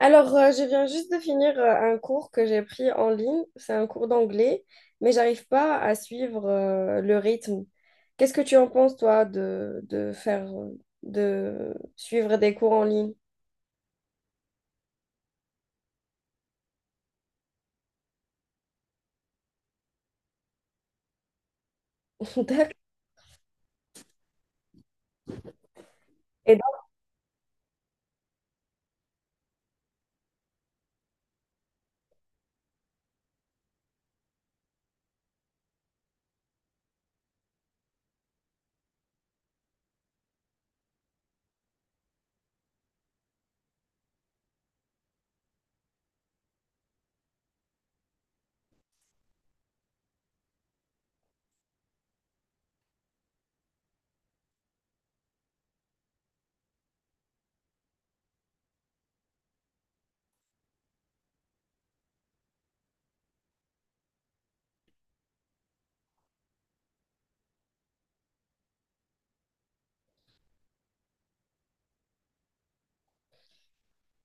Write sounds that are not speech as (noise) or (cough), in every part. Alors, je viens juste de finir un cours que j'ai pris en ligne. C'est un cours d'anglais, mais j'arrive pas à suivre le rythme. Qu'est-ce que tu en penses, toi, de faire, de suivre des cours en ligne? (laughs) D'accord. Et donc,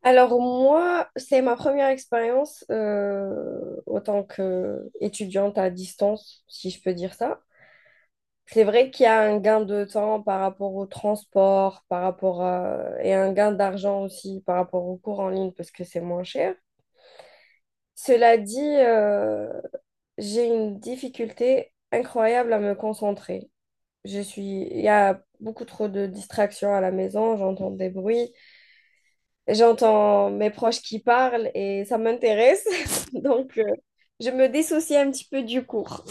alors, moi, c'est ma première expérience en tant qu'étudiante à distance, si je peux dire ça. C'est vrai qu'il y a un gain de temps par rapport au transport, par rapport à... et un gain d'argent aussi par rapport aux cours en ligne parce que c'est moins cher. Cela dit, j'ai une difficulté incroyable à me concentrer. Je suis... Il y a beaucoup trop de distractions à la maison, j'entends des bruits, j'entends mes proches qui parlent et ça m'intéresse. (laughs) Donc, je me dissocie un petit peu du cours.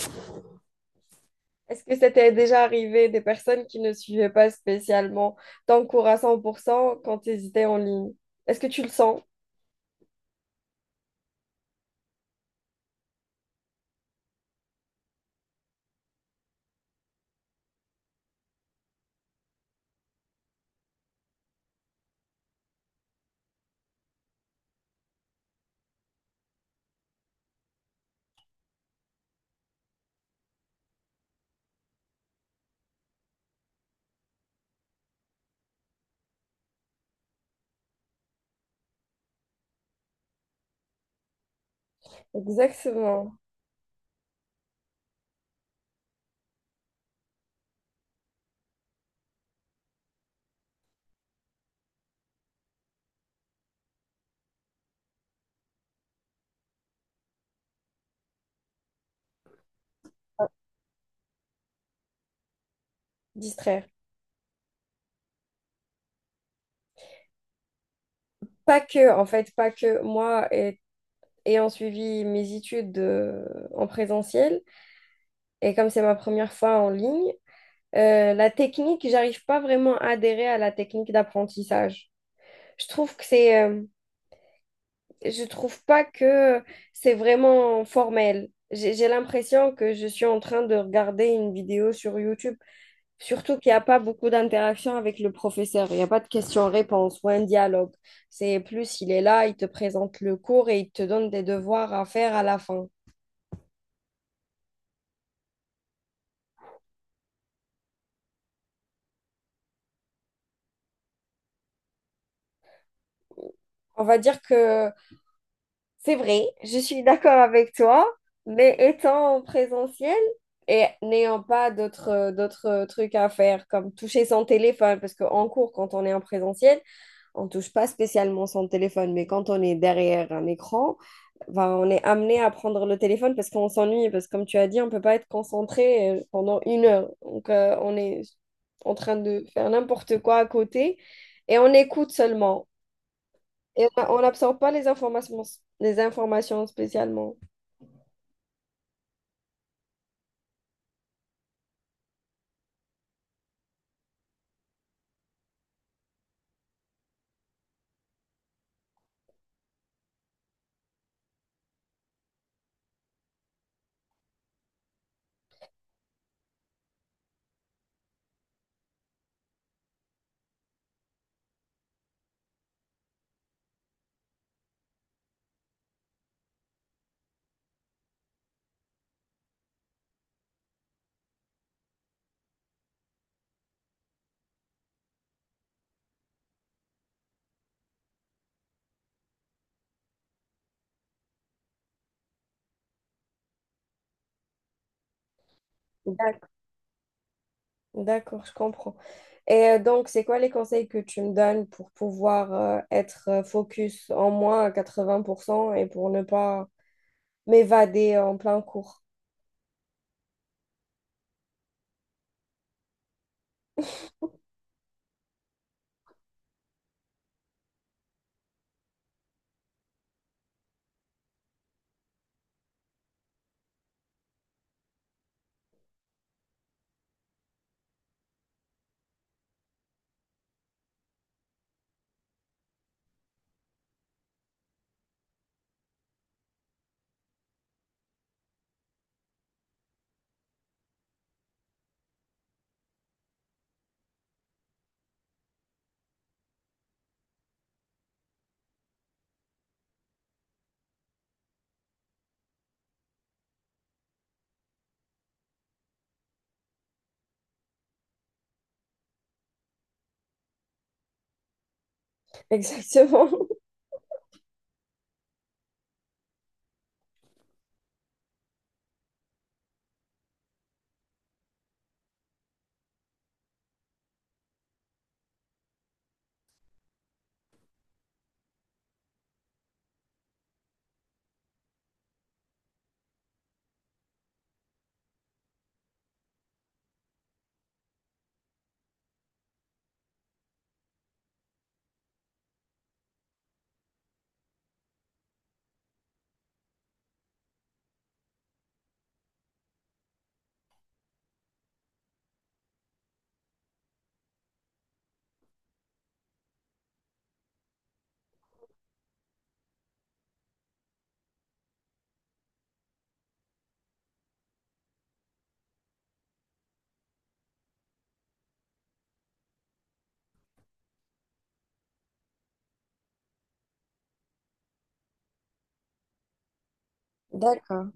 Est-ce que c'était déjà arrivé des personnes qui ne suivaient pas spécialement ton cours à 100% quand tu hésitais en ligne? Est-ce que tu le sens? Exactement, distraire. Pas que, en fait, pas que moi, et- ayant suivi mes études en présentiel, et comme c'est ma première fois en ligne, la technique, j'arrive pas vraiment à adhérer à la technique d'apprentissage. Je trouve que c'est je trouve pas que c'est vraiment formel. J'ai l'impression que je suis en train de regarder une vidéo sur YouTube, surtout qu'il n'y a pas beaucoup d'interaction avec le professeur. Il n'y a pas de questions-réponses ou un dialogue. C'est plus, il est là, il te présente le cours et il te donne des devoirs à faire à la fin. On va dire que c'est vrai, je suis d'accord avec toi, mais étant en présentiel et n'ayant pas d'autres d'autres trucs à faire, comme toucher son téléphone, parce qu'en cours, quand on est en présentiel, on touche pas spécialement son téléphone, mais quand on est derrière un écran, ben, on est amené à prendre le téléphone parce qu'on s'ennuie, parce que comme tu as dit, on peut pas être concentré pendant une heure. Donc, on est en train de faire n'importe quoi à côté et on écoute seulement. Et on n'absorbe pas les informations, les informations spécialement. D'ac- D'accord, je comprends. Et donc, c'est quoi les conseils que tu me donnes pour pouvoir être focus en moins à 80% et pour ne pas m'évader en plein cours? (laughs) Exactement. D'accord.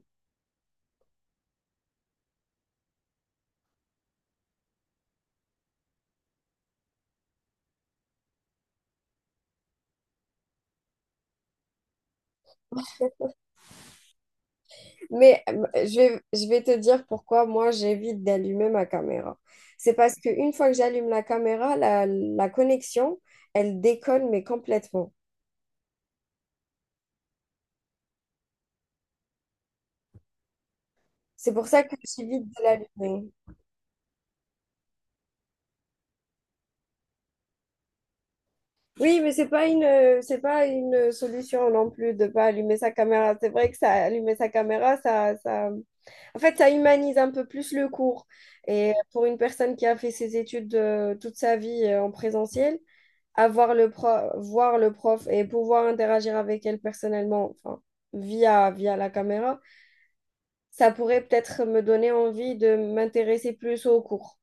Mais je vais te dire pourquoi moi j'évite d'allumer ma caméra. C'est parce qu'une fois que j'allume la caméra, la connexion, elle déconne, mais complètement. C'est pour ça que j'évite de l'allumer. Oui, mais c'est pas une solution non plus de pas allumer sa caméra. C'est vrai que ça, allumer sa caméra, ça, en fait, ça humanise un peu plus le cours. Et pour une personne qui a fait ses études toute sa vie en présentiel, avoir le prof, voir le prof et pouvoir interagir avec elle personnellement, enfin, via la caméra, ça pourrait peut-être me donner envie de m'intéresser plus au cours.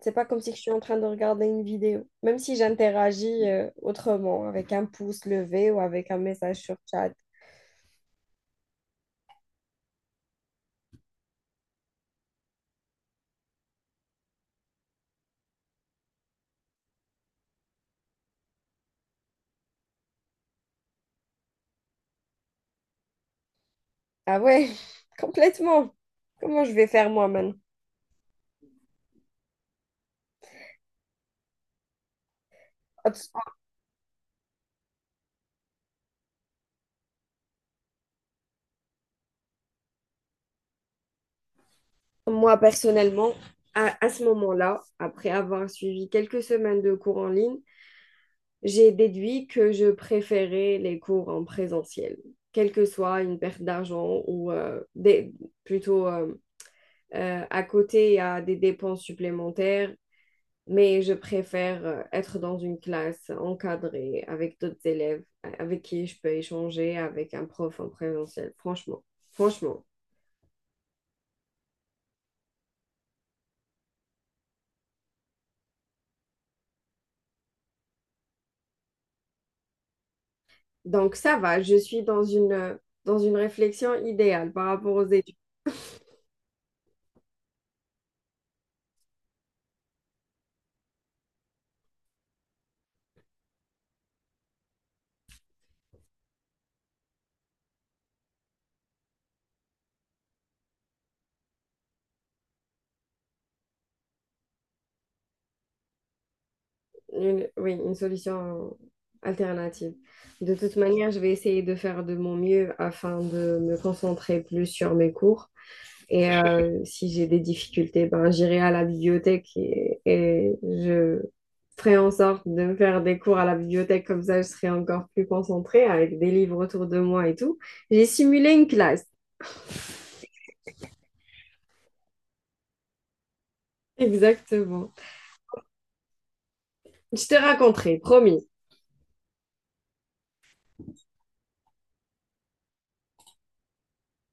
C'est pas comme si je suis en train de regarder une vidéo, même si j'interagis autrement, avec un pouce levé ou avec un message sur chat. Ah ouais, (laughs) complètement. Comment je vais faire moi maintenant? Moi personnellement, à ce moment-là, après avoir suivi quelques semaines de cours en ligne, j'ai déduit que je préférais les cours en présentiel, quelle que soit une perte d'argent ou des- plutôt à côté, il y a des dépenses supplémentaires, mais je préfère être dans une classe encadrée avec d'autres élèves avec qui je peux échanger avec un prof en présentiel, franchement. Franchement. Donc ça va, je suis dans une réflexion idéale par rapport aux études. Une- oui, une solution alternative. De toute manière, je vais essayer de faire de mon mieux afin de me concentrer plus sur mes cours. Et si j'ai des difficultés, ben, j'irai à la bibliothèque et je ferai en sorte de me faire des cours à la bibliothèque. Comme ça, je serai encore plus concentrée avec des livres autour de moi et tout. J'ai simulé une classe. Exactement. Je te raconterai, promis.